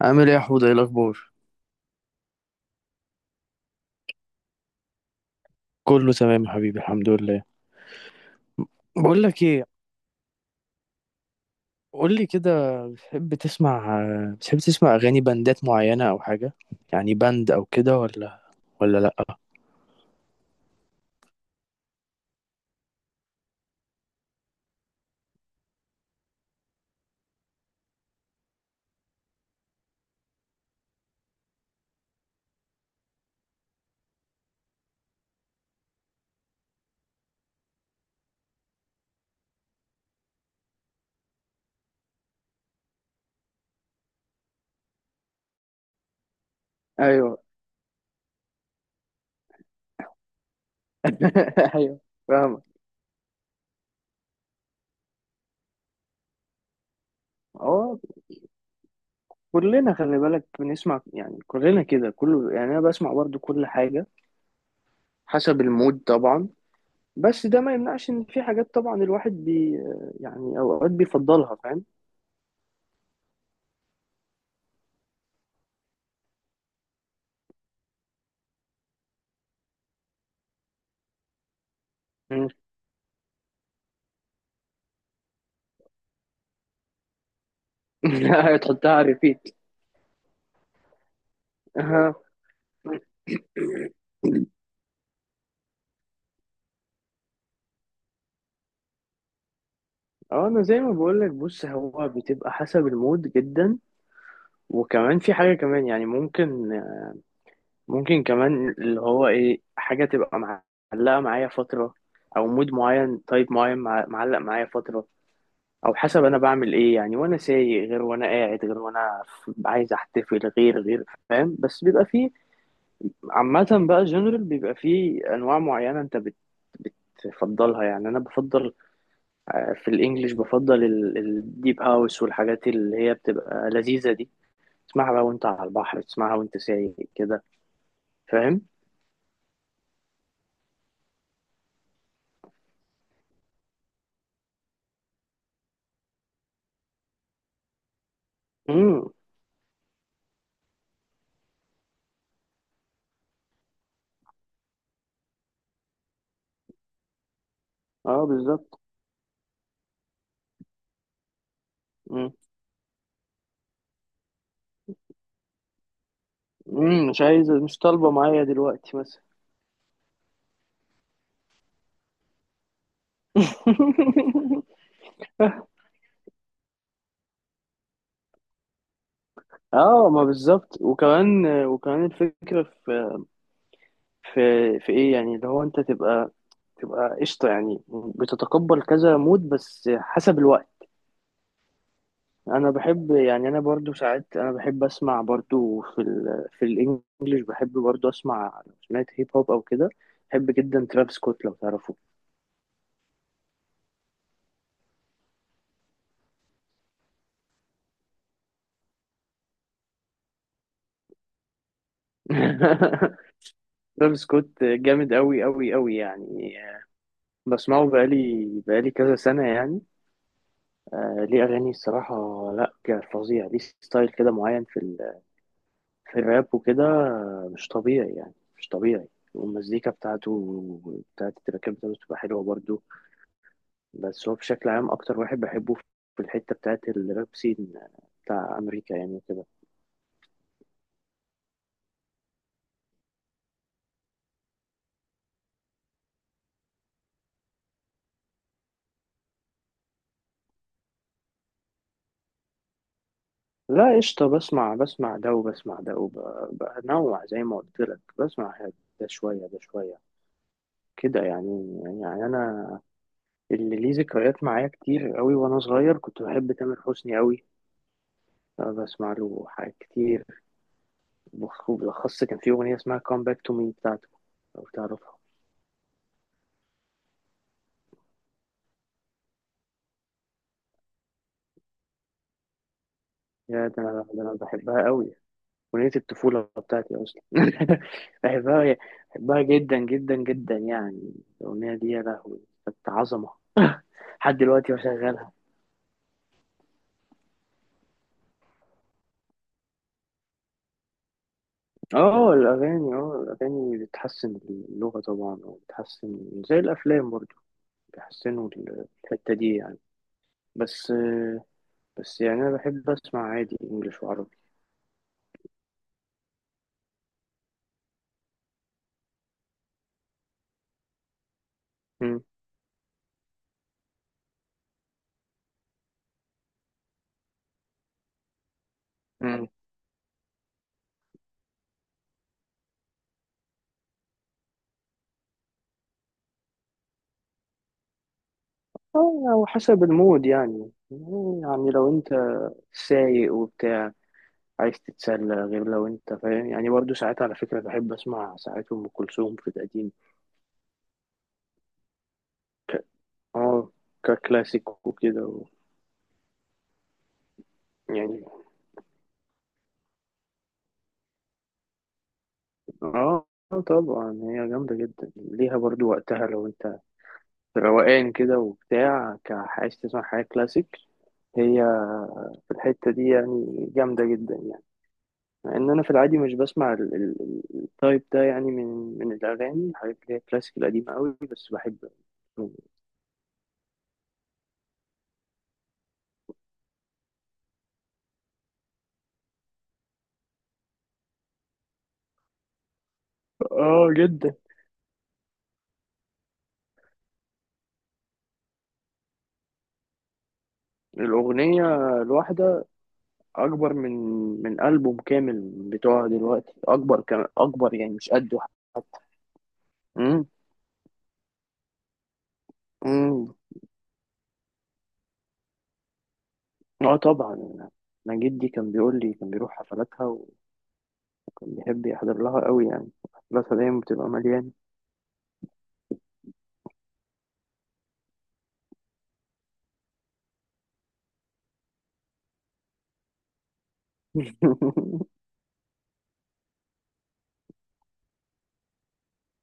عامل ايه يا حوده؟ ايه الاخبار؟ كله تمام يا حبيبي، الحمد لله. بقول لك ايه؟ قول لي كده. بتحب تسمع بتحب تسمع اغاني باندات معينه او حاجه؟ يعني باند او كده، ولا لا؟ ايوه. ايوه، فاهمك. هو كلنا، خلي بالك، بنسمع يعني كلنا كده كله. يعني انا بسمع برضو كل حاجه حسب المود طبعا. بس ده ما يمنعش ان في حاجات طبعا الواحد يعني اوقات بيفضلها، فاهم. تحطها على ريبيت. اه، انا زي ما بقول لك، بص، هو بتبقى حسب المود جدا. وكمان في حاجه كمان، يعني ممكن كمان اللي هو ايه، حاجه تبقى معلقه معايا فتره، او مود معين، تايب معين، معلق معايا فتره، او حسب انا بعمل ايه يعني، وانا سايق غير، وانا قاعد غير، وانا عايز احتفل غير غير، فاهم. بس بيبقى فيه، عامه بقى، جنرال بيبقى فيه انواع معينه انت بتفضلها. يعني انا بفضل في الانجليش، بفضل الديب هاوس والحاجات اللي هي بتبقى لذيذة دي. تسمعها بقى وانت على البحر، تسمعها وانت سايق كده، فاهم. امم. اه، بالظبط. امم. مش عايز، مش طالبة معايا دلوقتي مثلا. اه، ما بالظبط. وكمان الفكرة في في ايه، يعني اللي هو انت تبقى قشطة يعني. بتتقبل كذا مود بس حسب الوقت. انا بحب، يعني انا برضو ساعات انا بحب اسمع برضو في الانجليش، بحب برضو اسمع لو سمعت هيب هوب او كده. بحب جدا ترافيس سكوت، لو تعرفه. ترافيس سكوت جامد قوي قوي قوي يعني. بسمعه بقالي كذا سنة يعني. آه، ليه اغاني الصراحة. لا، فظيع، ليه ستايل كده معين في الراب وكده. آه، مش طبيعي يعني، مش طبيعي. والمزيكا بتاعت التراكات بتاعته بتبقى حلوة برضو. بس هو بشكل عام اكتر واحد بحبه في الحتة بتاعت الراب سين، بتاع امريكا يعني وكده. لا قشطة، بسمع ده وبسمع ده، وبنوع زي ما قلت لك بسمع ده شوية ده شوية كده، يعني انا اللي ليه ذكريات معايا كتير قوي، وانا صغير كنت بحب تامر حسني قوي. بسمع له حاجات كتير. وبالأخص كان في أغنية اسمها Come Back to Me بتاعته، لو تعرفها. يا، ده أنا بحبها قوي. أغنية الطفولة بتاعتي أصلا. بحبها بحبها جدا جدا جدا يعني. الأغنية دي يا لهوي، كانت عظمة. لحد دلوقتي بشغلها. اه، الأغاني، بتحسن اللغة طبعا، وبتحسن زي الأفلام برضو، بيحسنوا الحتة دي يعني. بس بس يعني، أنا بحب أسمع عادي إنجليش وعربي. مم. مم. اه، وحسب المود يعني. يعني لو أنت سايق وبتاع، عايز تتسلى غير، لو انت فاهم يعني. برضو ساعات على فكرة بحب اسمع ساعات ام كلثوم في القديم. اه، ككلاسيك وكده، و. يعني. اه، طبعا هي جامدة جدا، ليها برضو وقتها، لو انت روقان كده وبتاع، عايز تسمع حاجة كلاسيك. هي في الحتة دي يعني، جامدة جدا يعني. مع ان انا في العادي مش بسمع التايب ده يعني، من الاغاني، حاجات اللي هي كلاسيك القديمة قوي بس بحب. اه جدا. الأغنية الواحدة اكبر من البوم كامل بتوع دلوقتي، اكبر كم اكبر يعني، مش قده. امم. امم. اه، طبعا. انا جدي كان بيقول لي كان بيروح حفلاتها، وكان بيحب يحضر لها قوي يعني، حفلاتها دايما بتبقى مليانه.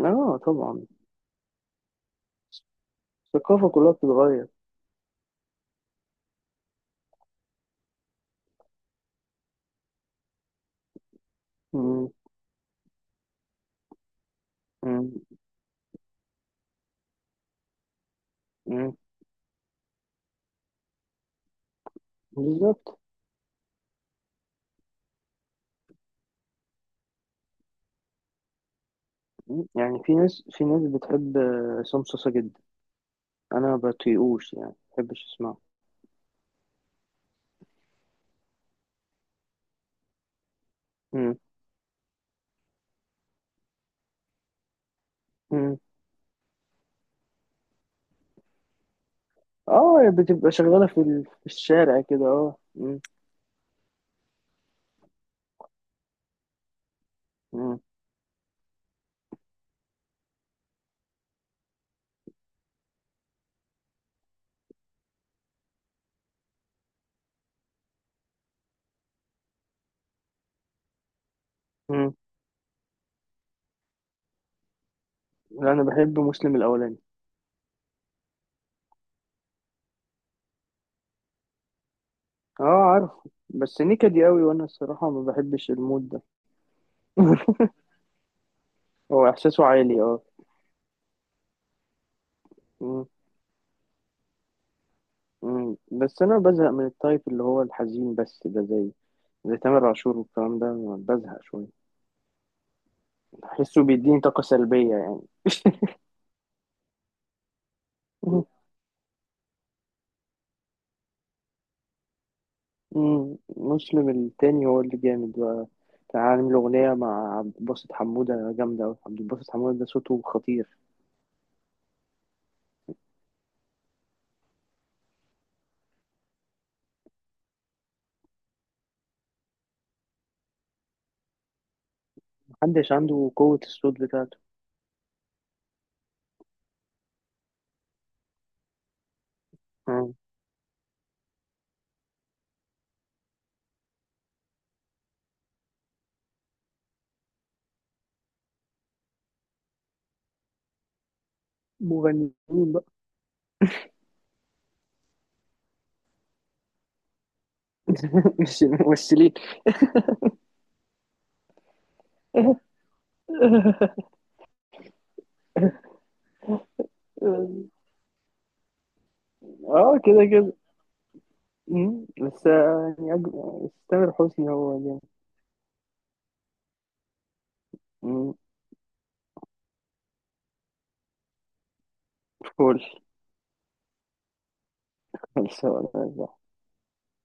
اه، طبعا الثقافه كلها بتتغير. مم. مم. مم. بالظبط. مم. يعني في ناس بتحب عصام صاصا جدا، انا بطيقوش يعني، ما بحبش اسمعه. مم. مم. اه، بتبقى شغاله في الشارع كده، اه. مم. مم. لا، انا بحب مسلم الاولاني. اه، عارف. بس نيكا دي قوي، وانا الصراحه ما بحبش المود ده. هو احساسه عالي، اه. مم. مم. بس انا بزهق من التايب اللي هو الحزين بس، ده زي تامر عاشور والكلام ده، بزهق شويه. بحسه بيديني طاقه سلبيه يعني. مم. مم. مسلم التاني هو اللي جامد بقى. كان عامل أغنية مع عبد الباسط حمودة جامدة أوي. عبد الباسط حمودة ده صوته خطير. محدش عنده قوة الصوت بتاعته. مم. مغنيين بقى. مش الممثلين. اه، كده كده. مم. بس يعني تامر حسني هو جامد. مم. فول. خلصانة.